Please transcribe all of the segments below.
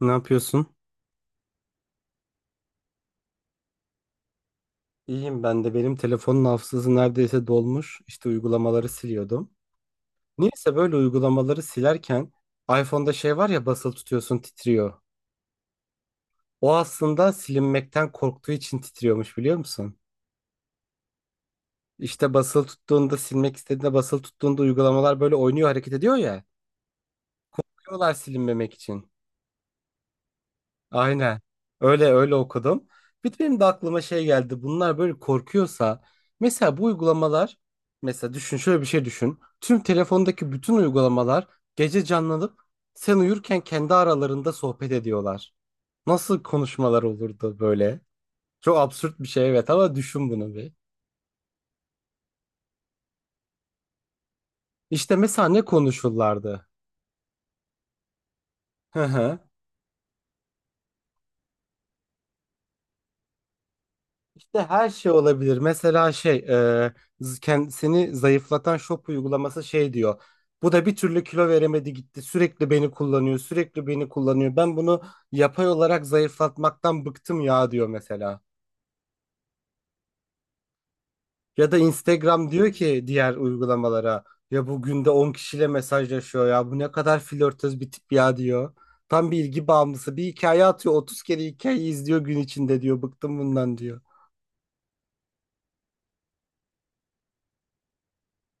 Ne yapıyorsun? İyiyim ben de. Benim telefonun hafızası neredeyse dolmuş. İşte uygulamaları siliyordum. Niyeyse böyle uygulamaları silerken iPhone'da şey var ya, basılı tutuyorsun, titriyor. O aslında silinmekten korktuğu için titriyormuş, biliyor musun? İşte basılı tuttuğunda, silmek istediğinde basılı tuttuğunda uygulamalar böyle oynuyor, hareket ediyor ya. Yapıyorlar silinmemek için. Aynen. Öyle öyle okudum. Bir de benim de aklıma şey geldi. Bunlar böyle korkuyorsa mesela, bu uygulamalar, mesela düşün, şöyle bir şey düşün. Tüm telefondaki bütün uygulamalar gece canlanıp sen uyurken kendi aralarında sohbet ediyorlar. Nasıl konuşmalar olurdu böyle? Çok absürt bir şey, evet, ama düşün bunu bir. İşte mesela ne konuşurlardı? Hı hı. İşte her şey olabilir. Mesela şey, seni zayıflatan shop uygulaması şey diyor. Bu da bir türlü kilo veremedi gitti. Sürekli beni kullanıyor, sürekli beni kullanıyor. Ben bunu yapay olarak zayıflatmaktan bıktım ya, diyor mesela. Ya da Instagram diyor ki diğer uygulamalara, ya bu günde 10 kişiyle mesajlaşıyor ya, bu ne kadar flörtöz bir tip ya, diyor. Tam bir ilgi bağımlısı, bir hikaye atıyor, 30 kere hikayeyi izliyor gün içinde, diyor, bıktım bundan, diyor.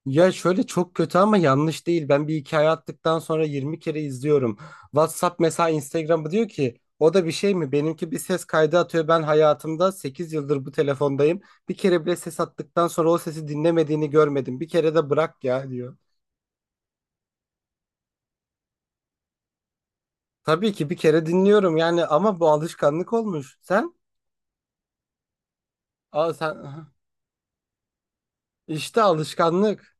Ya şöyle, çok kötü ama yanlış değil. Ben bir hikaye attıktan sonra 20 kere izliyorum. WhatsApp mesela Instagram'ı diyor ki, o da bir şey mi? Benimki bir ses kaydı atıyor. Ben hayatımda 8 yıldır bu telefondayım. Bir kere bile ses attıktan sonra o sesi dinlemediğini görmedim. Bir kere de bırak ya, diyor. Tabii ki bir kere dinliyorum yani, ama bu alışkanlık olmuş. Sen? Aa, sen aha. İşte alışkanlık.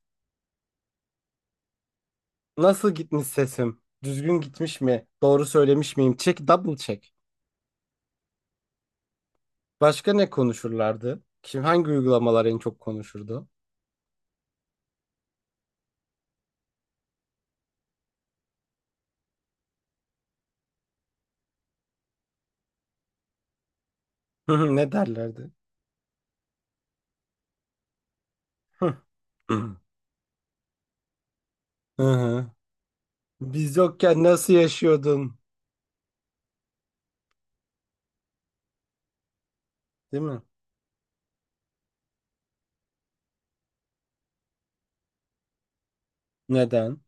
Nasıl gitmiş sesim? Düzgün gitmiş mi? Doğru söylemiş miyim? Check double check. Başka ne konuşurlardı? Kim, hangi uygulamalar en çok konuşurdu? Hı hı, ne derlerdi? Hı hı. Hı. Biz yokken nasıl yaşıyordun? Değil mi? Neden?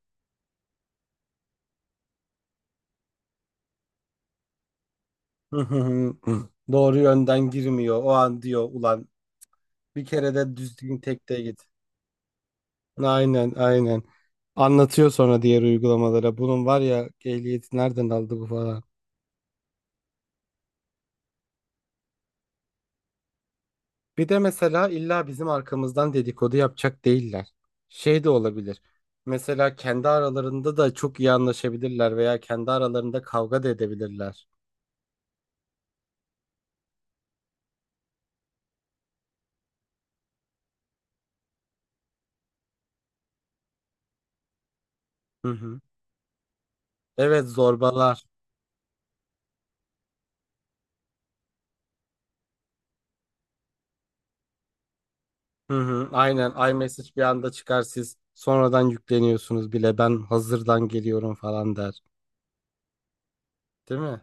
Hı hı hı. Doğru yönden girmiyor. O an diyor, ulan bir kere de düzgün tekte git. Aynen aynen. Anlatıyor sonra diğer uygulamalara. Bunun var ya, ehliyeti nereden aldı bu falan. Bir de mesela illa bizim arkamızdan dedikodu yapacak değiller. Şey de olabilir. Mesela kendi aralarında da çok iyi anlaşabilirler veya kendi aralarında kavga da edebilirler. Hı hı. Evet, zorbalar. Hı hı. Aynen, iMessage bir anda çıkar, siz sonradan yükleniyorsunuz bile, ben hazırdan geliyorum falan der. Değil mi?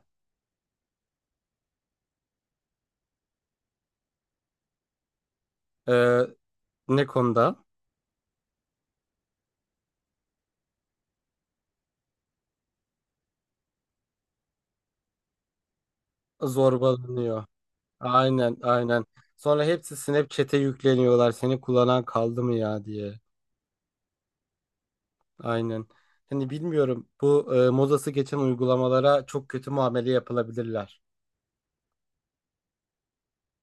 Ee, ne konuda? Zorbalanıyor. Aynen aynen. Sonra hepsi Snapchat'e yükleniyorlar, seni kullanan kaldı mı ya, diye. Aynen. Hani bilmiyorum, bu modası geçen uygulamalara çok kötü muamele yapılabilirler.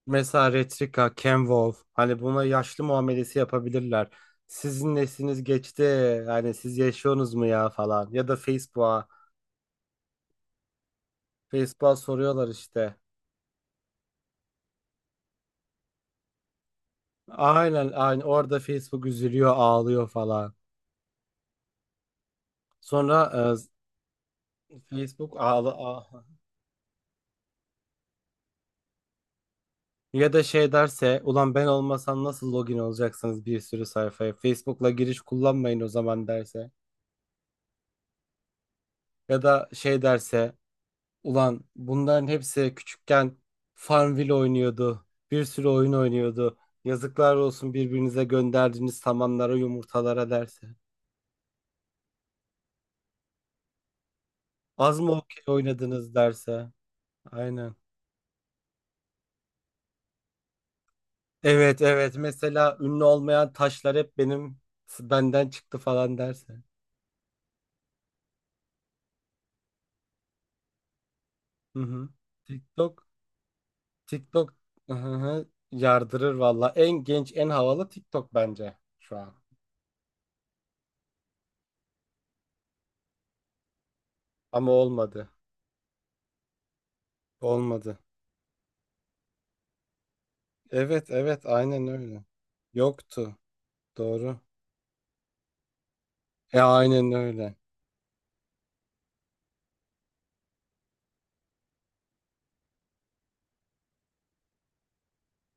Mesela Retrika, Canvolv, hani buna yaşlı muamelesi yapabilirler. Sizin nesliniz geçti, hani siz yaşıyorsunuz mu ya falan, ya da Facebook'a, Facebook'a soruyorlar işte. Aynen aynen, orada Facebook üzülüyor, ağlıyor falan. Sonra Facebook ağla, ağla. Ya da şey derse, ulan ben olmasam nasıl login olacaksınız bir sürü sayfaya, Facebook'la giriş kullanmayın o zaman, derse. Ya da şey derse, ulan bunların hepsi küçükken Farmville oynuyordu. Bir sürü oyun oynuyordu. Yazıklar olsun birbirinize gönderdiğiniz samanlara, yumurtalara, derse. Az mı okey oynadınız, derse. Aynen. Evet evet, mesela ünlü olmayan taşlar hep benim, benden çıktı falan, derse. Hı hı. TikTok, TikTok, hı hı, yardırır valla. En genç, en havalı TikTok bence şu an. Ama olmadı. Olmadı. Evet evet, aynen öyle. Yoktu. Doğru. E aynen öyle.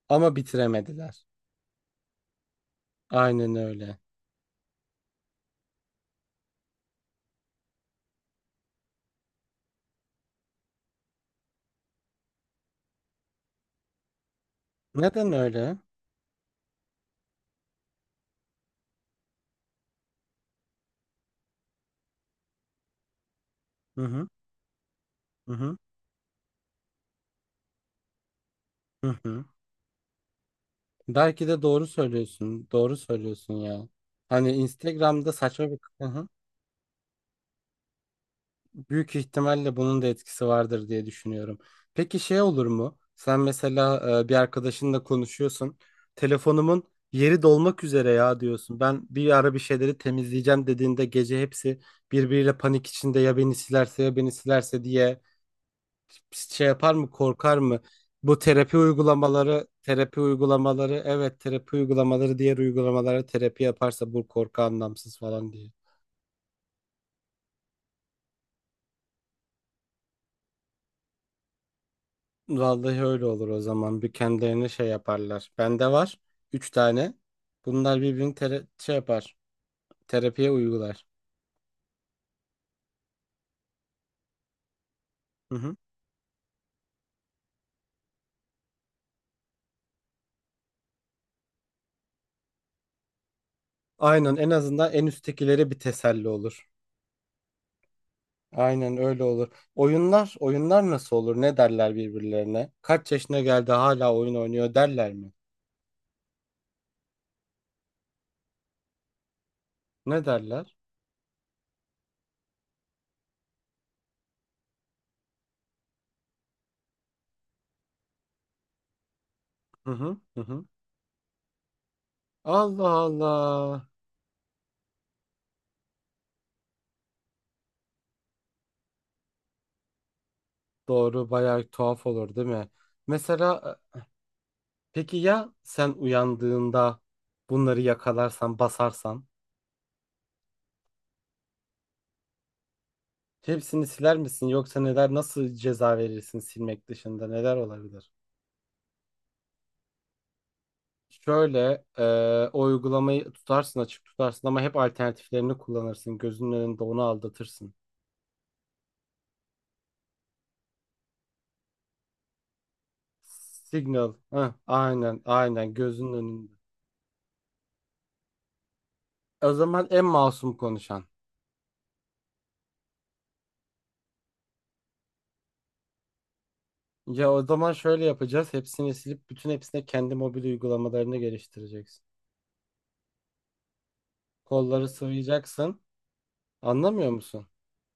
Ama bitiremediler. Aynen öyle. Neden öyle? Hı hı. Hı hı. Hı hı. Belki de doğru söylüyorsun. Doğru söylüyorsun ya. Hani Instagram'da saçma bir... Hı hı. Büyük ihtimalle bunun da etkisi vardır diye düşünüyorum. Peki şey olur mu? Sen mesela, bir arkadaşınla konuşuyorsun. Telefonumun yeri dolmak üzere ya, diyorsun. Ben bir ara bir şeyleri temizleyeceğim dediğinde, gece hepsi birbiriyle panik içinde, ya beni silerse, ya beni silerse, diye şey yapar mı, korkar mı? Bu terapi uygulamaları, terapi uygulamaları, evet, terapi uygulamaları diğer uygulamalara terapi yaparsa, bu korku anlamsız falan. Vallahi öyle olur o zaman. Bir kendilerine şey yaparlar. Bende var. 3 tane. Bunlar birbirini şey yapar. Terapiye uygular. Hı hı. Aynen, en azından en üsttekilere bir teselli olur. Aynen öyle olur. Oyunlar, oyunlar nasıl olur? Ne derler birbirlerine? Kaç yaşına geldi hala oyun oynuyor derler mi? Ne derler? Hı hı hı. Hı. Allah Allah. Doğru, bayağı tuhaf olur değil mi? Mesela, peki ya sen uyandığında bunları yakalarsan, basarsan, hepsini siler misin, yoksa neler, nasıl ceza verirsin, silmek dışında neler olabilir? Şöyle o uygulamayı tutarsın, açık tutarsın ama hep alternatiflerini kullanırsın. Gözünün önünde onu aldatırsın. Signal. Heh, aynen aynen, gözünün önünde. O zaman en masum konuşan. Ya o zaman şöyle yapacağız. Hepsini silip bütün hepsine kendi mobil uygulamalarını geliştireceksin. Kolları sıvayacaksın. Anlamıyor musun?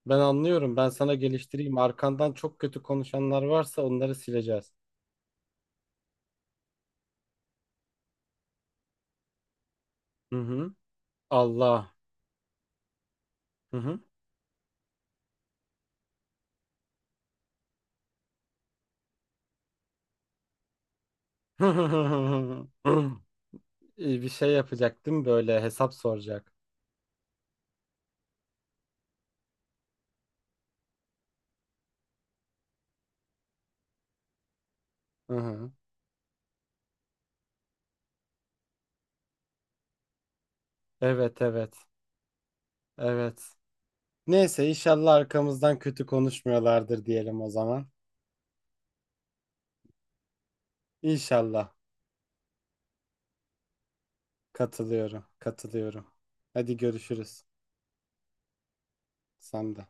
Ben anlıyorum. Ben sana geliştireyim. Arkandan çok kötü konuşanlar varsa onları sileceğiz. Hı hı. Allah. Hı hı. İyi, bir şey yapacaktım, böyle hesap soracak. Hı hı. Evet evet. Evet. Neyse, inşallah arkamızdan kötü konuşmuyorlardır diyelim o zaman. İnşallah. Katılıyorum. Katılıyorum. Hadi görüşürüz. Sen de.